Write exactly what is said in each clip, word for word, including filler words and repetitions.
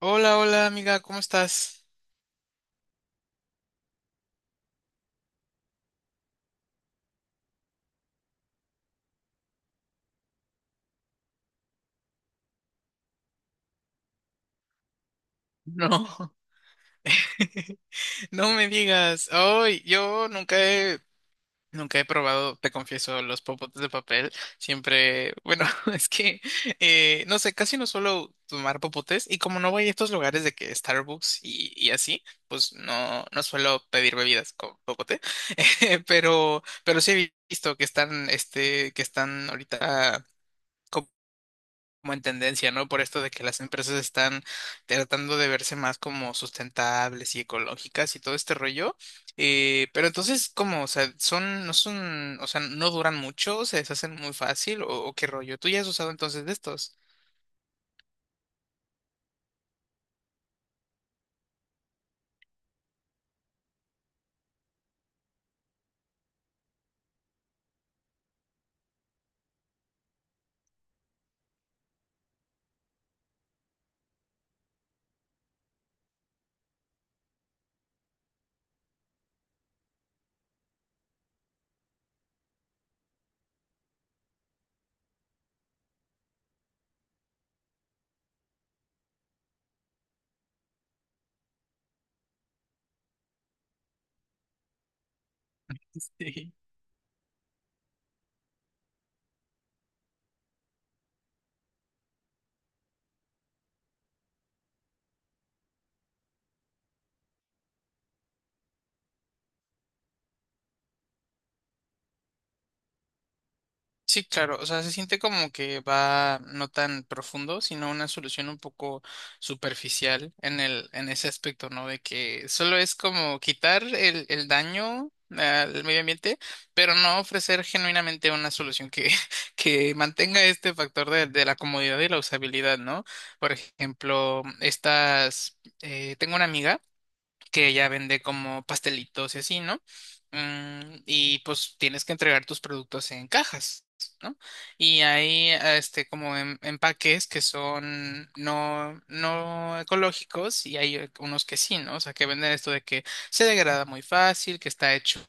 Hola, hola amiga, ¿cómo estás? No, no me digas. Ay, yo nunca he, nunca he probado, te confieso, los popotes de papel. Siempre, bueno, es que, eh, no sé, casi no suelo tomar popotes y como no voy a estos lugares de que Starbucks y, y así, pues no, no suelo pedir bebidas con popote. Eh, Pero, pero sí he visto que están, este, que están ahorita, como en tendencia, ¿no? Por esto de que las empresas están tratando de verse más como sustentables y ecológicas y todo este rollo. Eh, pero entonces, ¿cómo? O sea, son, no son, o sea, no duran mucho, se deshacen muy fácil, o, o qué rollo. ¿Tú ya has usado entonces de estos? Sí. Sí, claro, o sea, se siente como que va no tan profundo, sino una solución un poco superficial en el, en ese aspecto, ¿no? De que solo es como quitar el, el daño al medio ambiente, pero no ofrecer genuinamente una solución que, que mantenga este factor de, de la comodidad y la usabilidad, ¿no? Por ejemplo, estas, eh, tengo una amiga que ella vende como pastelitos y así, ¿no? Mm, y pues tienes que entregar tus productos en cajas, ¿no? Y hay este como em- empaques que son no, no ecológicos y hay eh, unos que sí, ¿no? O sea, que venden esto de que se degrada muy fácil, que está hecho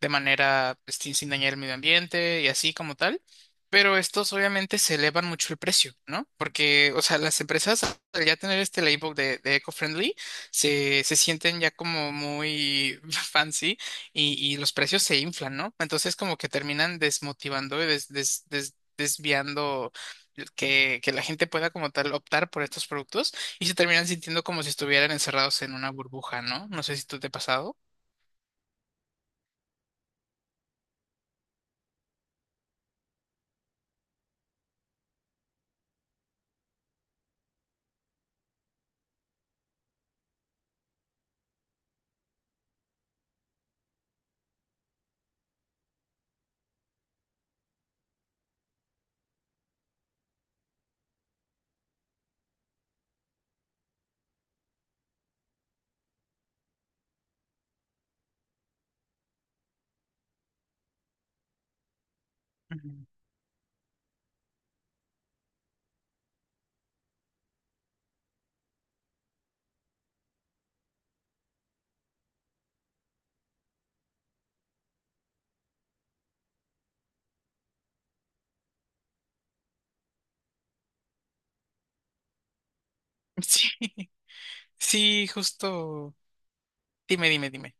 de manera pues, sin, sin dañar el medio ambiente y así como tal. Pero estos obviamente se elevan mucho el precio, ¿no? Porque, o sea, las empresas al ya tener este label de, de eco-friendly se, se sienten ya como muy fancy y, y los precios se inflan, ¿no? Entonces como que terminan desmotivando y des- des- des- desviando que, que la gente pueda como tal optar por estos productos y se terminan sintiendo como si estuvieran encerrados en una burbuja, ¿no? No sé si tú te ha pasado. Ujú. Sí, sí, justo. Dime, dime, dime.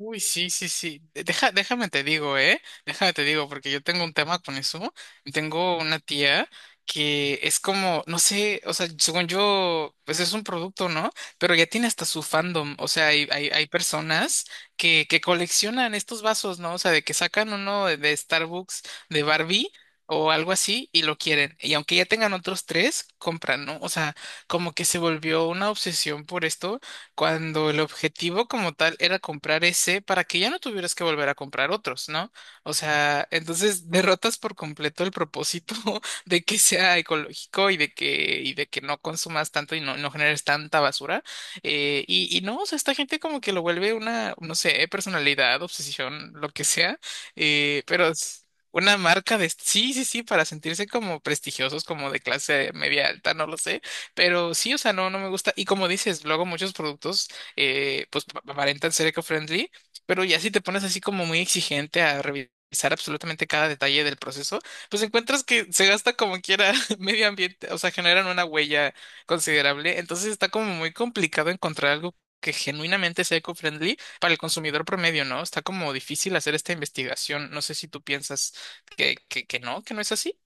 Uy, sí, sí, sí. De- Deja, déjame te digo, ¿eh? Déjame te digo, porque yo tengo un tema con eso. Tengo una tía que es como, no sé, o sea, según yo, pues es un producto, ¿no? Pero ya tiene hasta su fandom. O sea, hay, hay, hay personas que, que coleccionan estos vasos, ¿no? O sea, de que sacan uno de, de Starbucks de Barbie, o algo así y lo quieren. Y aunque ya tengan otros tres, compran, ¿no? O sea, como que se volvió una obsesión por esto cuando el objetivo como tal era comprar ese para que ya no tuvieras que volver a comprar otros, ¿no? O sea, entonces derrotas por completo el propósito de que sea ecológico y de que, y de que no consumas tanto y no, no generes tanta basura. Eh, y, y no, o sea, esta gente como que lo vuelve una, no sé, personalidad, obsesión, lo que sea, eh, pero... es una marca de... Sí, sí, sí, para sentirse como prestigiosos, como de clase media alta, no lo sé. Pero sí, o sea, no, no me gusta. Y como dices, luego muchos productos eh, pues pa- aparentan ser eco-friendly, pero ya si te pones así como muy exigente a revisar absolutamente cada detalle del proceso, pues encuentras que se gasta como quiera medio ambiente, o sea, generan una huella considerable. Entonces está como muy complicado encontrar algo que genuinamente sea eco-friendly para el consumidor promedio, ¿no? Está como difícil hacer esta investigación. No sé si tú piensas que, que, que no, que no es así.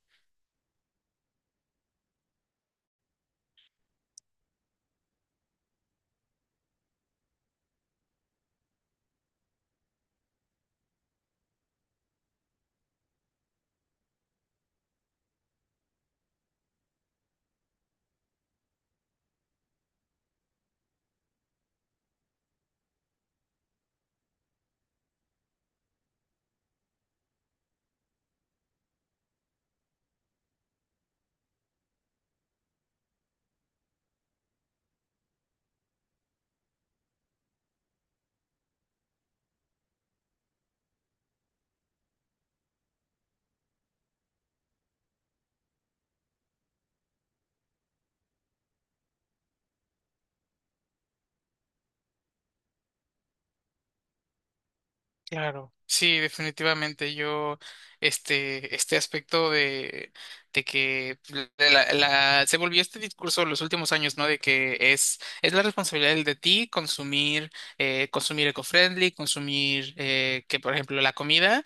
Claro, sí, definitivamente. Yo, este, este aspecto de, de que pues, de la, la- se volvió este discurso en los últimos años, ¿no? De que es, es la responsabilidad de ti consumir, eh, consumir eco-friendly, consumir, eh, que por ejemplo la comida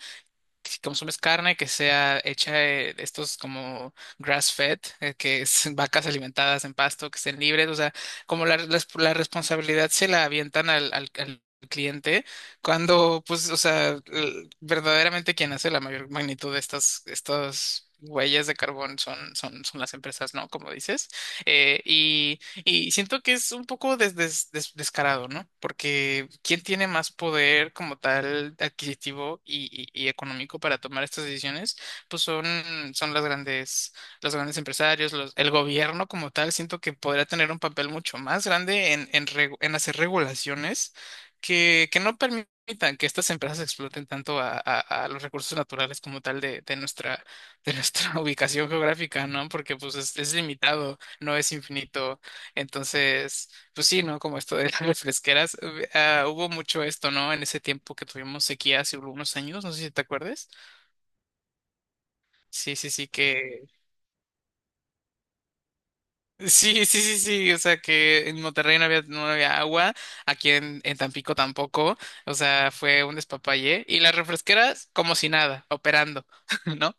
consumes carne que sea hecha de de estos como grass-fed, eh, que es vacas alimentadas en pasto, que estén libres, o sea, como la, res- la responsabilidad se la avientan al, al- al cliente, cuando, pues, o sea, l- verdaderamente quien hace la mayor magnitud de estas, estas huellas de carbón son, son, son las empresas, ¿no? Como dices. Eh, y siento que es un poco des- des- des- descarado, ¿no? Porque ¿quién tiene más poder como tal adquisitivo y, y- y económico para tomar estas decisiones? Pues son, son las grandes, los grandes empresarios, los- el gobierno como tal. Siento que podría tener un papel mucho más grande en, en, regu- en hacer regulaciones que, que no permitan que estas empresas exploten tanto a, a- a los recursos naturales como tal de, de nuestra, de nuestra ubicación geográfica, ¿no? Porque pues es es limitado, no es infinito, entonces, pues sí, ¿no? Como esto de las refresqueras, hub- ah, hubo mucho esto, ¿no? En ese tiempo que tuvimos sequía hace algunos años, no sé si te acuerdas. Sí, sí, sí, que... Sí, sí, sí, sí, o sea que en Monterrey no había, no había agua, aquí en, en Tampico tampoco, o sea, fue un despapalle. Y las refresqueras como si nada, operando, ¿no?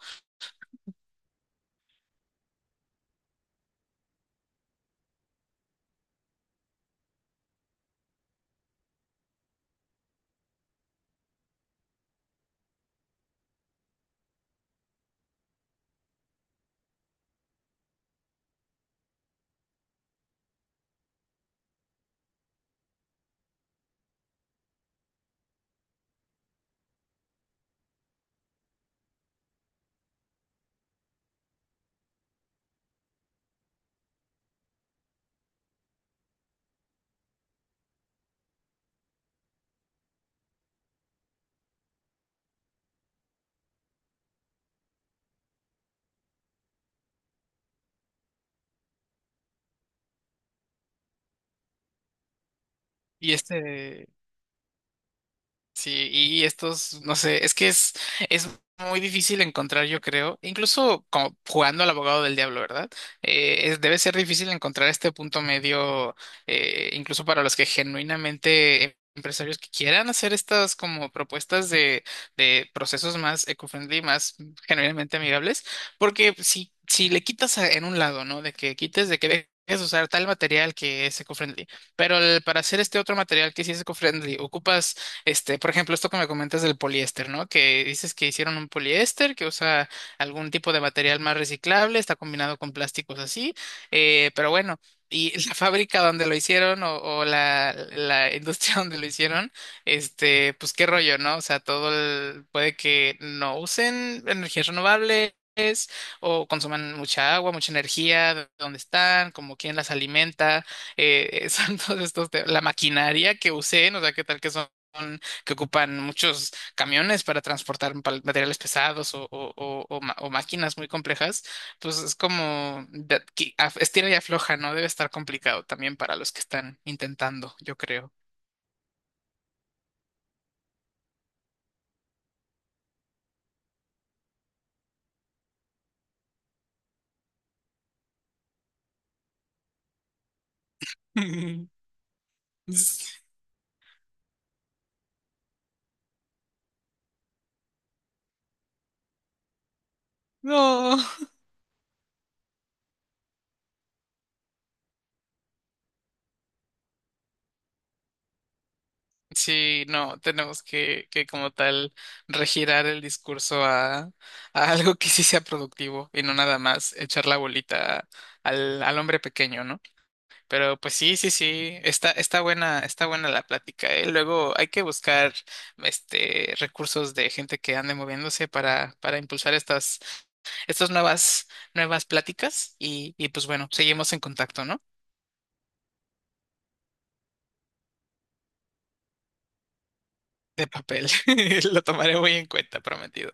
Y este... Sí, y estos, no sé, es que es, es muy difícil encontrar, yo creo, incluso como jugando al abogado del diablo, ¿verdad? Eh, es- debe ser difícil encontrar este punto medio, eh, incluso para los que genuinamente em- empresarios que quieran hacer estas como propuestas de, de procesos más eco-friendly, más genuinamente amigables, porque si, si le quitas a- en un lado, ¿no? De que quites, de que dejes de usar tal material que es eco-friendly, pero el- para hacer este otro material que sí es eco-friendly, ocupas este, por ejemplo, esto que me comentas del poliéster, ¿no? Que dices que hicieron un poliéster que usa algún tipo de material más reciclable, está combinado con plásticos así, eh, pero bueno, y la fábrica donde lo hicieron o, o la, la industria donde lo hicieron, este, pues qué rollo, ¿no? O sea, todo el- puede que no usen energías renovables, o consuman mucha agua, mucha energía, de dónde están, como quién las alimenta, eh, son todos estos, te- la maquinaria que usen, o sea, qué tal que son que ocupan muchos camiones para transportar pal- materiales pesados o, o- o- o ma- o máquinas muy complejas, pues es como de- que af- estira y afloja, ¿no? Debe estar complicado también para los que están intentando, yo creo. No. Sí, no, tenemos que, que como tal regirar el discurso a, a algo que sí sea productivo y no nada más echar la bolita al, al hombre pequeño, ¿no? Pero pues sí, sí, sí, está, está buena, está buena la plática, ¿eh? Luego hay que buscar este recursos de gente que ande moviéndose para, para impulsar estas, estas nuevas, nuevas pláticas y, y pues bueno, seguimos en contacto, ¿no? De papel. Lo tomaré muy en cuenta, prometido.